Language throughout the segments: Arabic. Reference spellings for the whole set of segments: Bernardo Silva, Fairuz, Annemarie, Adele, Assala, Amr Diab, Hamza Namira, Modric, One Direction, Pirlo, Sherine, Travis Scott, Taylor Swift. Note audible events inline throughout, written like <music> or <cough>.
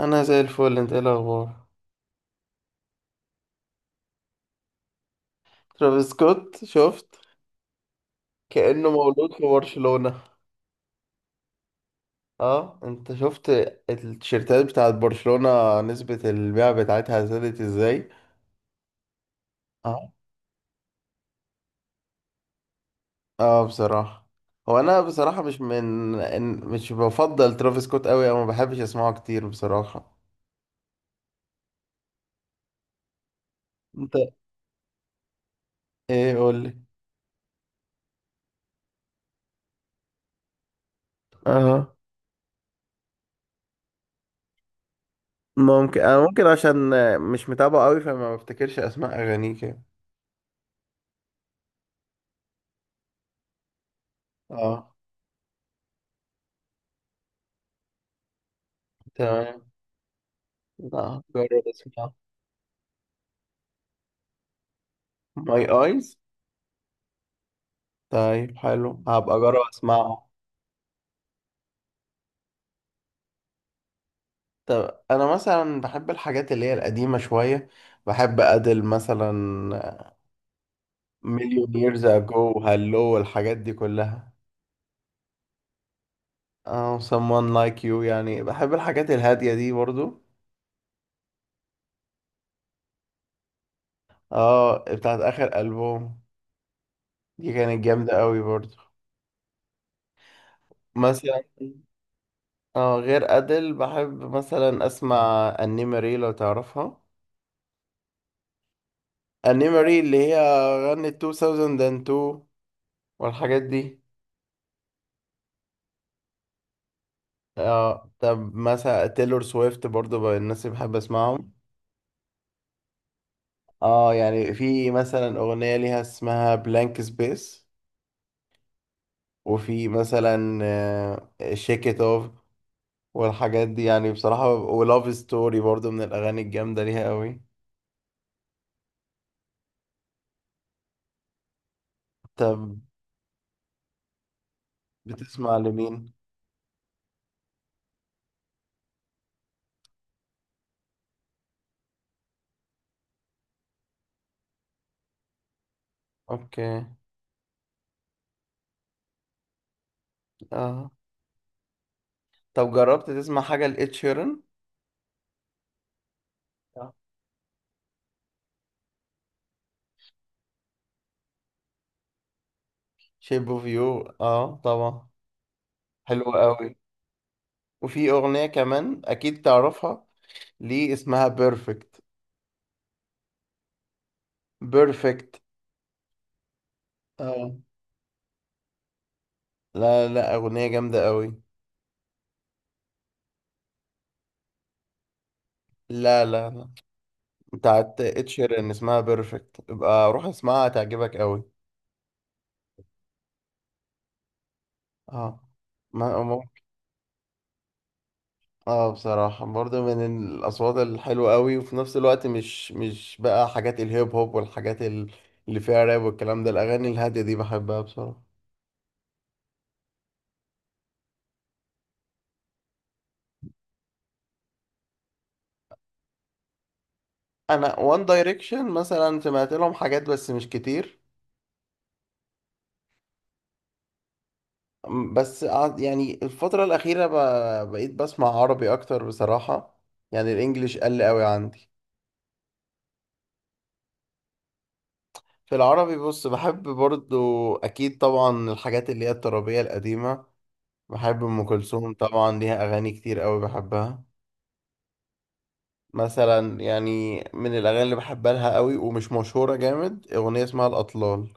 انا زي الفل. انت ايه الاخبار؟ ترافيس سكوت شفت؟ كأنه مولود في برشلونة. اه، انت شفت التيشيرتات بتاعت برشلونة نسبة البيع بتاعتها زادت ازاي؟ اه. اه، بصراحة. هو انا بصراحة مش من إن- مش بفضل ترافيس سكوت قوي او ما بحبش اسمعه كتير بصراحة. انت ايه؟ قولي. اه، ممكن عشان مش متابعه قوي فما بفتكرش اسماء اغانيه كده. اه، تمام. لا، جرب اسمع. ماي ايز. طيب حلو، هبقى اجرب اسمعه. طب انا مثلا بحب الحاجات اللي هي القديمه شويه. بحب ادل مثلا. مليون ييرز اجو، هالو، الحاجات دي كلها. اه، someone like you، يعني بحب الحاجات الهاديه دي برضو. اه، بتاعت اخر البوم. دي كانت جامده قوي برضو. مثلا اه، غير ادل بحب مثلا اسمع انيماري لو تعرفها. انيماري اللي هي غنت 2002 والحاجات دي. اه، طب مثلا تيلور سويفت برضو بقى الناس اللي بحب اسمعهم. اه، يعني في مثلا اغنية ليها اسمها بلانك سبيس. وفي مثلا شيك ات اوف والحاجات دي، يعني بصراحة ولاف ستوري برضو من الاغاني الجامدة ليها قوي. طب بتسمع لمين؟ اوكي. اه، طب جربت تسمع حاجة لإد شيران؟ شيب اوف يو، اه، طبعا. حلو قوي. وفي اغنية كمان اكيد تعرفها، ليه اسمها بيرفكت. بيرفكت، اه. لا لا، اغنيه جامده قوي. لا لا لا، بتاعت اتشير ان اسمها بيرفكت. ابقى روح اسمعها هتعجبك قوي. اه. ما ما- اه، بصراحه برضو من الاصوات الحلوه قوي، وفي نفس الوقت مش بقى حاجات الهيب هوب والحاجات اللي فيها راب والكلام ده، الاغاني الهاديه دي بحبها بصراحه. انا وان دايركشن مثلا سمعت لهم حاجات بس مش كتير. بس يعني الفترة الأخيرة بقيت بسمع عربي أكتر بصراحة. يعني الإنجليش قل قوي عندي. في العربي بص، بحب برضو أكيد طبعا الحاجات اللي هي الترابية القديمة. بحب أم كلثوم طبعا، ليها أغاني كتير قوي بحبها. مثلا يعني من الأغاني اللي بحبها لها قوي ومش مشهورة جامد، أغنية اسمها الأطلال.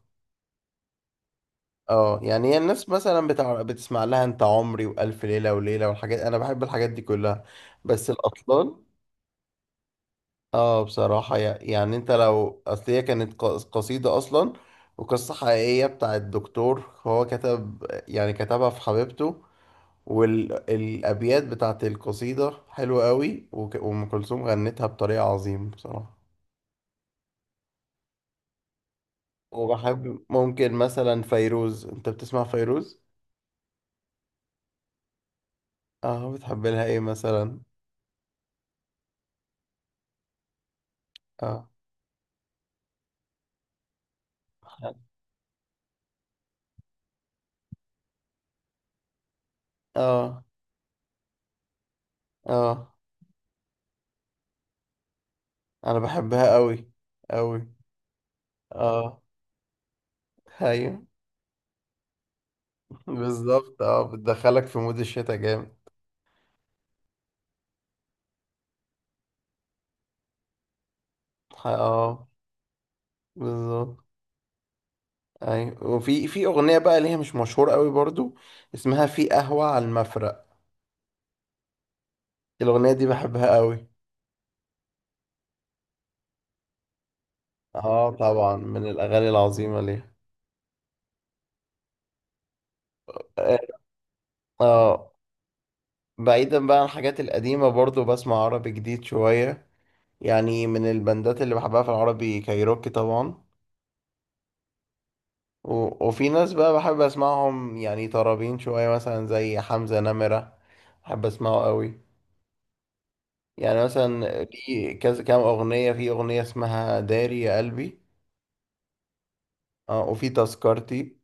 اه، يعني هي الناس مثلا بتسمع لها انت عمري والف ليله وليله والحاجات، انا بحب الحاجات دي كلها، بس الاطلال. اه، بصراحة يعني انت لو اصل هي كانت قصيدة اصلا، وقصة حقيقية بتاع الدكتور، هو كتب يعني كتبها في حبيبته، والابيات بتاعت القصيدة حلوة قوي، وام كلثوم غنتها بطريقة عظيمة بصراحة. وبحب ممكن مثلا فيروز، انت بتسمع فيروز؟ اه، بتحب لها ايه مثلا؟ اه. اه. اه، انا بحبها قوي قوي. اه، ايوه. <laughs> بالظبط، اه بتدخلك في مود الشتاء جامد. اه. بالظبط. ايوه، وفي في اغنيه بقى ليها مش مشهوره قوي برضو، اسمها في قهوه على المفرق. الاغنيه دي بحبها قوي. اه، طبعا من الاغاني العظيمه ليها. اه. آه، بعيدا بقى عن الحاجات القديمه برضو بسمع عربي جديد شويه. يعني من البندات اللي بحبها في العربي كايروكي طبعا. وفي ناس بقى بحب اسمعهم، يعني طرابين شويه مثلا زي حمزه نمره. بحب اسمعه قوي. يعني مثلا في كذا كام اغنيه، في اغنيه اسمها داري يا قلبي. اه، وفي تذكرتي.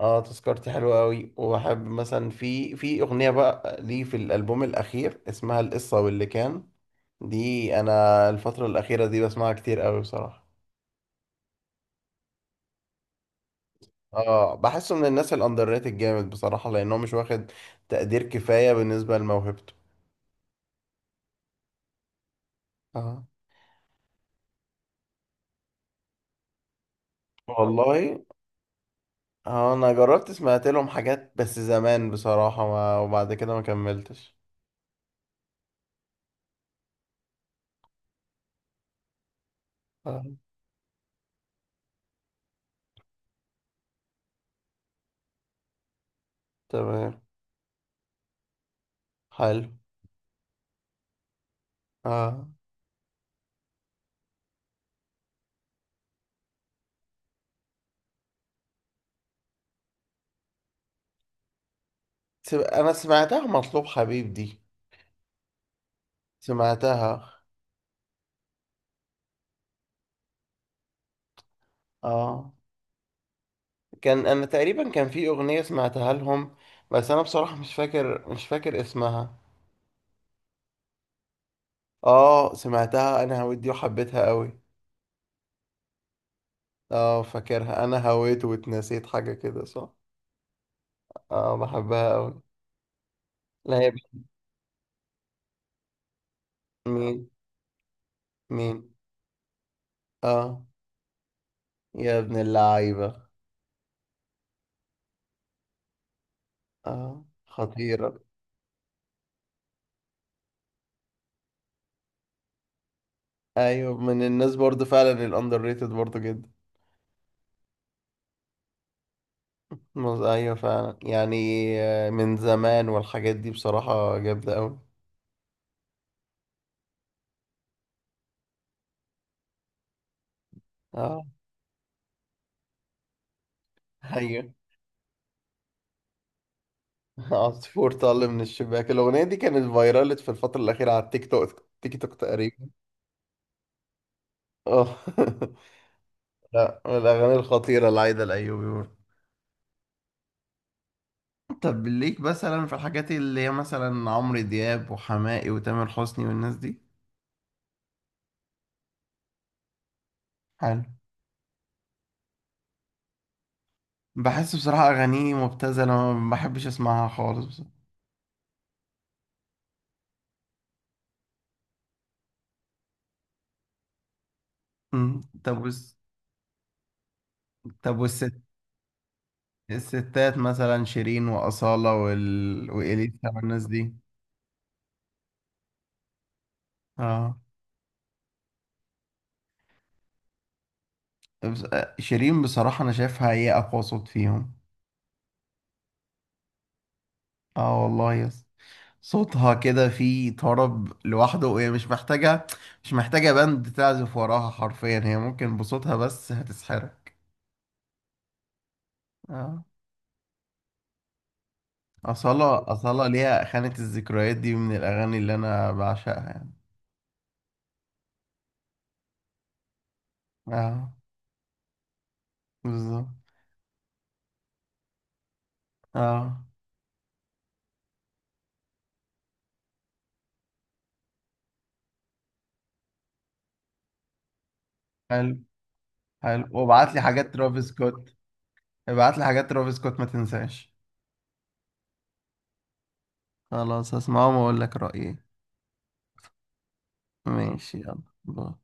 اه، تذكرتي حلوه قوي. وبحب مثلا في اغنيه بقى ليه في الالبوم الاخير اسمها القصه واللي كان. دي انا الفتره الاخيره دي بسمعها كتير قوي بصراحه. اه، بحسه من الناس الاندر ريتد جامد بصراحه لانه مش واخد تقدير كفايه بالنسبه لموهبته. اه، والله. اه، انا جربت سمعت لهم حاجات بس زمان بصراحه، ما وبعد كده ما كملتش. تمام. حلو. اه، انا سمعتها مطلوب حبيب دي، سمعتها. اه، كان انا تقريبا كان في اغنية سمعتها لهم، بس انا بصراحة مش فاكر اسمها. اه، سمعتها انا هويت دي وحبيتها قوي. اه، فاكرها انا هويت واتنسيت حاجة كده، صح؟ اه، بحبها قوي. لا هي مين؟ مين؟ اه، يا ابن اللعيبة. اه، خطيرة. ايوه، من الناس برضو فعلا الاندر ريتد برضو جدا. ايوه فعلا يعني. من زمان والحاجات دي بصراحة جامدة أوي. اه، ايوه. <laughs> عصفور طل من الشباك، الأغنية دي كانت فايرالت في الفترة الأخيرة على التيك توك تقريبا. اه. <laughs> لا، من الأغاني الخطيرة لعايدة الأيوبي برضه. طب ليك مثلا في الحاجات اللي هي مثلا عمرو دياب وحماقي وتامر حسني والناس دي؟ حلو. بحس بصراحة أغانيه مبتذلة، ما بحبش أسمعها خالص بصراحة. مم. طب طب والست، الستات مثلا شيرين وأصالة وإليسا والناس دي. اه، شيرين بصراحة أنا شايفها هي أقوى صوت فيهم. اه، والله يس. صوتها كده فيه طرب لوحده وهي مش محتاجة. مش محتاجة باند تعزف وراها، حرفيا هي ممكن بصوتها بس هتسحرك. اه. أصالة، أصالة ليها خانة الذكريات دي من الأغاني اللي أنا بعشقها يعني. اه، بالظبط. اه، حلو. حلو، وابعت لي حاجات ترافيس سكوت. ابعت لي حاجات ترافيس سكوت ما تنساش. خلاص، هسمعهم واقول لك رأيي. ماشي، يلا باي.